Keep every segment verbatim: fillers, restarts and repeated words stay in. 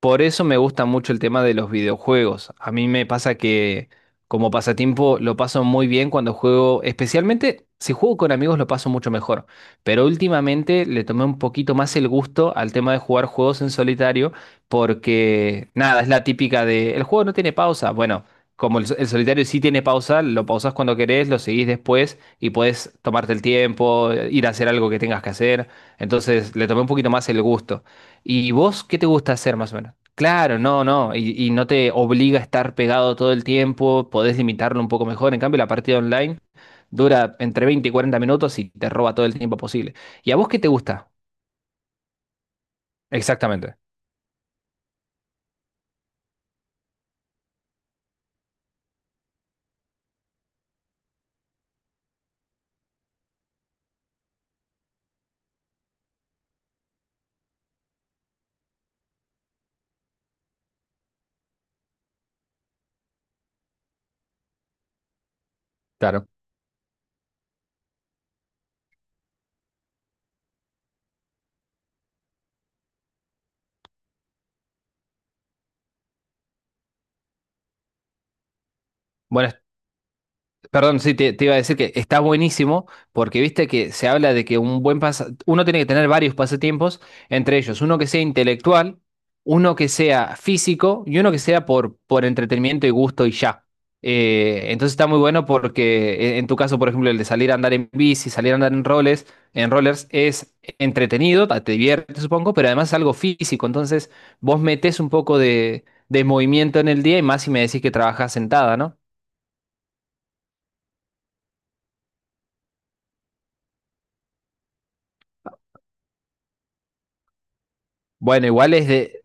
Por eso me gusta mucho el tema de los videojuegos. A mí me pasa que como pasatiempo lo paso muy bien cuando juego, especialmente si juego con amigos lo paso mucho mejor. Pero últimamente le tomé un poquito más el gusto al tema de jugar juegos en solitario porque nada, es la típica de el juego no tiene pausa. Bueno, como el, el solitario sí tiene pausa, lo pausas cuando querés, lo seguís después y puedes tomarte el tiempo, ir a hacer algo que tengas que hacer. Entonces le tomé un poquito más el gusto. ¿Y vos qué te gusta hacer más o menos? Claro, no, no, y, y no te obliga a estar pegado todo el tiempo, podés limitarlo un poco mejor. En cambio, la partida online dura entre veinte y cuarenta minutos y te roba todo el tiempo posible. ¿Y a vos qué te gusta? Exactamente. Claro. Bueno, perdón, sí, te, te iba a decir que está buenísimo porque viste que se habla de que un buen pasa- uno tiene que tener varios pasatiempos, entre ellos uno que sea intelectual, uno que sea físico y uno que sea por, por entretenimiento y gusto y ya. Eh, entonces está muy bueno porque eh, en tu caso, por ejemplo, el de salir a andar en bici, salir a andar en roles, en rollers es entretenido, te te divierte, supongo, pero además es algo físico. Entonces vos metés un poco de, de movimiento en el día y más si me decís que trabajas sentada, ¿no? Bueno, igual es de...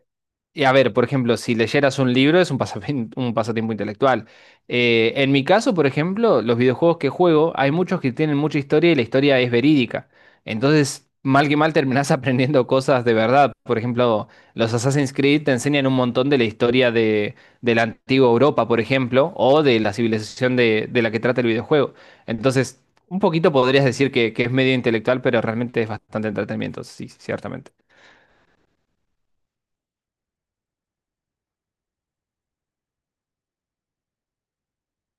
Y a ver, por ejemplo, si leyeras un libro es un pasapien- un pasatiempo intelectual. Eh, en mi caso, por ejemplo, los videojuegos que juego, hay muchos que tienen mucha historia y la historia es verídica. Entonces, mal que mal terminás aprendiendo cosas de verdad. Por ejemplo, los Assassin's Creed te enseñan un montón de la historia de, de la antigua Europa, por ejemplo, o de la civilización de, de la que trata el videojuego. Entonces, un poquito podrías decir que, que es medio intelectual, pero realmente es bastante entretenimiento, sí, ciertamente.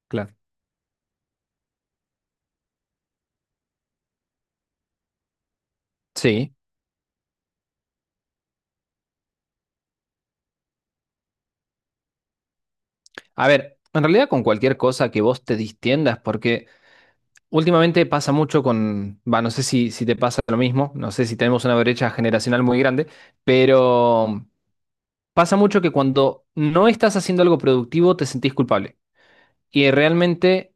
Claro. Sí. A ver, en realidad con cualquier cosa que vos te distiendas, porque últimamente pasa mucho con, va, no sé si, si te pasa lo mismo, no sé si tenemos una brecha generacional muy grande, pero pasa mucho que cuando no estás haciendo algo productivo te sentís culpable. Y realmente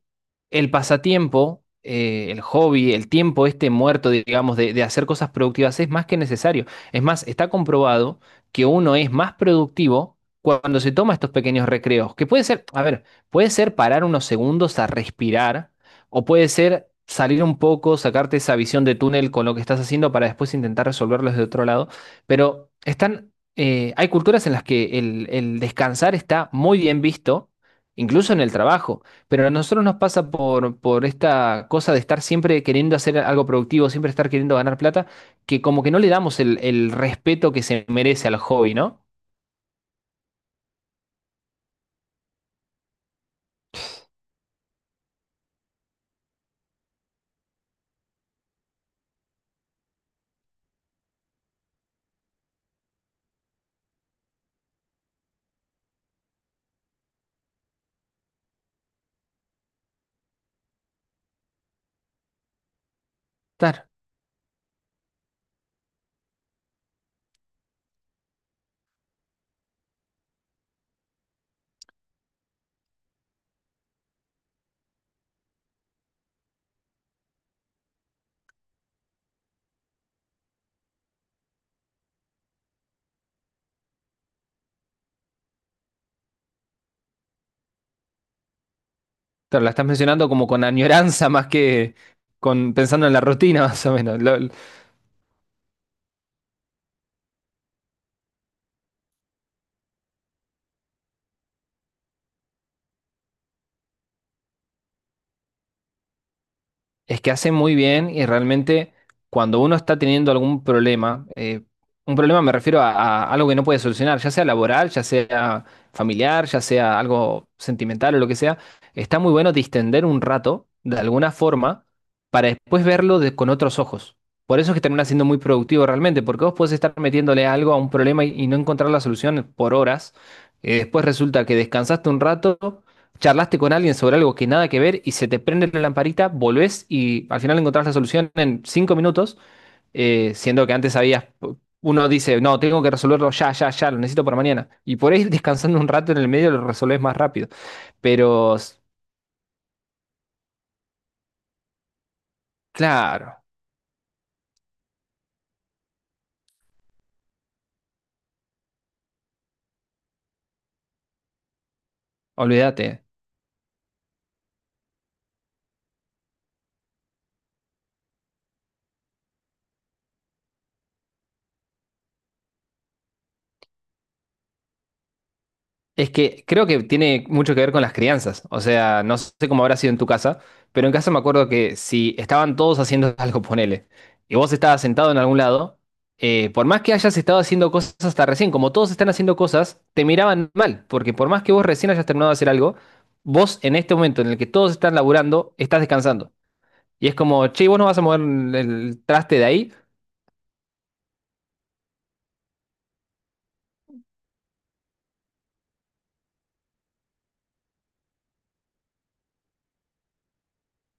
el pasatiempo, eh, el hobby, el tiempo este muerto, digamos, de, de hacer cosas productivas es más que necesario. Es más, está comprobado que uno es más productivo cuando se toma estos pequeños recreos, que puede ser, a ver, puede ser parar unos segundos a respirar, o puede ser salir un poco, sacarte esa visión de túnel con lo que estás haciendo para después intentar resolverlo desde otro lado, pero están... eh, hay culturas en las que el el descansar está muy bien visto incluso en el trabajo. Pero a nosotros nos pasa por, por esta cosa de estar siempre queriendo hacer algo productivo, siempre estar queriendo ganar plata, que como que no le damos el, el respeto que se merece al hobby, ¿no? Claro, claro, la estás mencionando como con añoranza más que con pensando en la rutina, más o menos. Lo, es que hace muy bien y realmente cuando uno está teniendo algún problema, eh, un problema me refiero a, a algo que no puede solucionar, ya sea laboral, ya sea familiar, ya sea algo sentimental o lo que sea, está muy bueno distender un rato de alguna forma para después verlo de- con otros ojos. Por eso es que termina siendo muy productivo realmente, porque vos podés estar metiéndole algo a un problema y, y no encontrar la solución por horas. Eh, después resulta que descansaste un rato, charlaste con alguien sobre algo que nada que ver y se te prende la lamparita, volvés y al final encontrás la solución en cinco minutos. Eh, siendo que antes habías, uno dice, no, tengo que resolverlo ya, ya, ya, lo necesito para mañana. Y por ahí descansando un rato en el medio lo resolvés más rápido. Pero, claro, olvídate. Es que creo que tiene mucho que ver con las crianzas. O sea, no sé cómo habrá sido en tu casa, pero en casa me acuerdo que si estaban todos haciendo algo, ponele, y vos estabas sentado en algún lado, eh, por más que hayas estado haciendo cosas hasta recién, como todos están haciendo cosas, te miraban mal, porque por más que vos recién hayas terminado de hacer algo, vos en este momento en el que todos están laburando, estás descansando. Y es como, che, ¿vos no vas a mover el traste de ahí?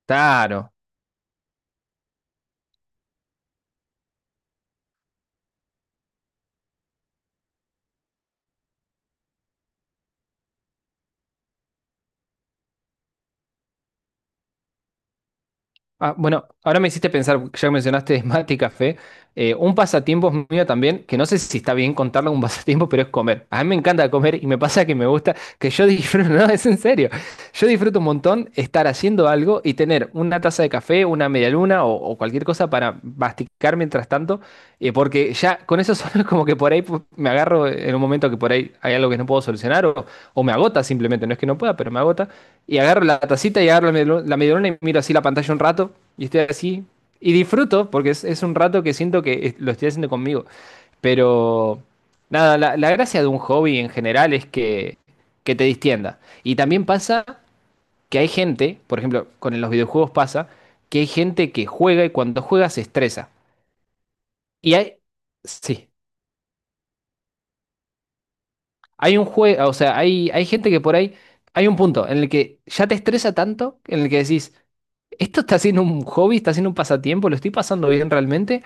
Claro. Ah, bueno, ahora me hiciste pensar, ya que mencionaste mate y café, eh, un pasatiempo mío también, que no sé si está bien contarlo como un pasatiempo, pero es comer. A mí me encanta comer y me pasa que me gusta, que yo disfruto, no, es en serio, yo disfruto un montón estar haciendo algo y tener una taza de café, una media luna o, o cualquier cosa para masticar mientras tanto, eh, porque ya con eso solo es como que por ahí pu- me agarro en un momento que por ahí hay algo que no puedo solucionar o, o me agota simplemente, no es que no pueda, pero me agota. Y agarro la tacita y agarro la medialu- la medialuna y miro así la pantalla un rato y estoy así. Y disfruto porque es, es un rato que siento que es- lo estoy haciendo conmigo. Pero nada, la, la gracia de un hobby en general es que, que te distienda. Y también pasa que hay gente, por ejemplo, con los videojuegos pasa, que hay gente que juega y cuando juega se estresa. Y hay, sí, hay un juego, o sea, hay, hay gente que por ahí, hay un punto en el que ya te estresa tanto, en el que decís: ¿Esto está siendo un hobby? ¿Está siendo un pasatiempo? ¿Lo estoy pasando bien realmente?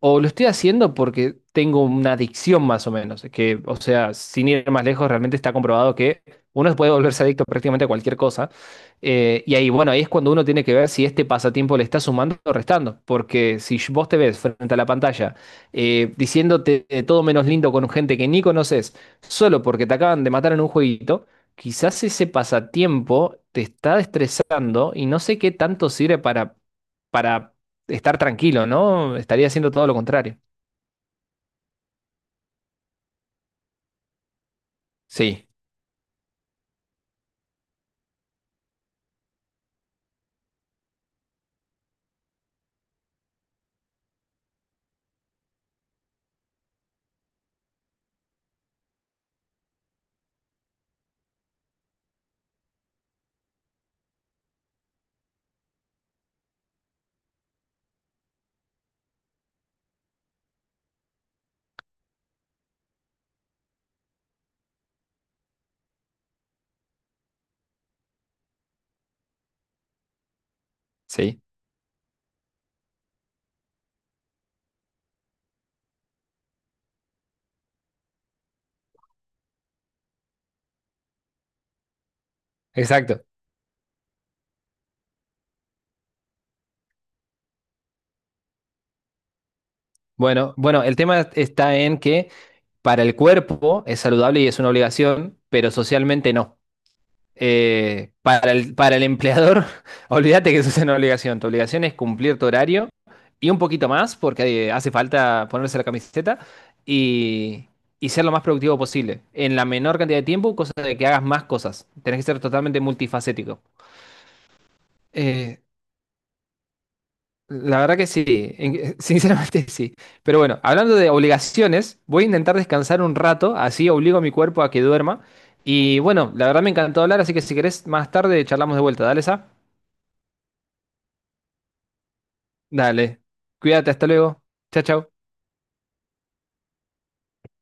¿O lo estoy haciendo porque tengo una adicción más o menos? Que, o sea, sin ir más lejos, realmente está comprobado que uno puede volverse adicto prácticamente a cualquier cosa. Eh, y ahí, bueno, ahí es cuando uno tiene que ver si este pasatiempo le está sumando o restando, porque si vos te ves frente a la pantalla eh, diciéndote de todo menos lindo con gente que ni conoces, solo porque te acaban de matar en un jueguito, quizás ese pasatiempo te está estresando y no sé qué tanto sirve para para estar tranquilo, ¿no? Estaría haciendo todo lo contrario. Sí, sí, exacto. Bueno, bueno, el tema está en que para el cuerpo es saludable y es una obligación, pero socialmente no. Eh, para el, para el empleador, olvídate que eso es una obligación. Tu obligación es cumplir tu horario y un poquito más, porque eh, hace falta ponerse la camiseta y, y ser lo más productivo posible. En la menor cantidad de tiempo, cosa de que hagas más cosas. Tenés que ser totalmente multifacético. Eh, La verdad que sí, en- sinceramente sí. Pero bueno, hablando de obligaciones, voy a intentar descansar un rato, así obligo a mi cuerpo a que duerma. Y bueno, la verdad me encantó hablar, así que si querés más tarde charlamos de vuelta. Dale, Sa. Dale. Cuídate, hasta luego. Chao, chao.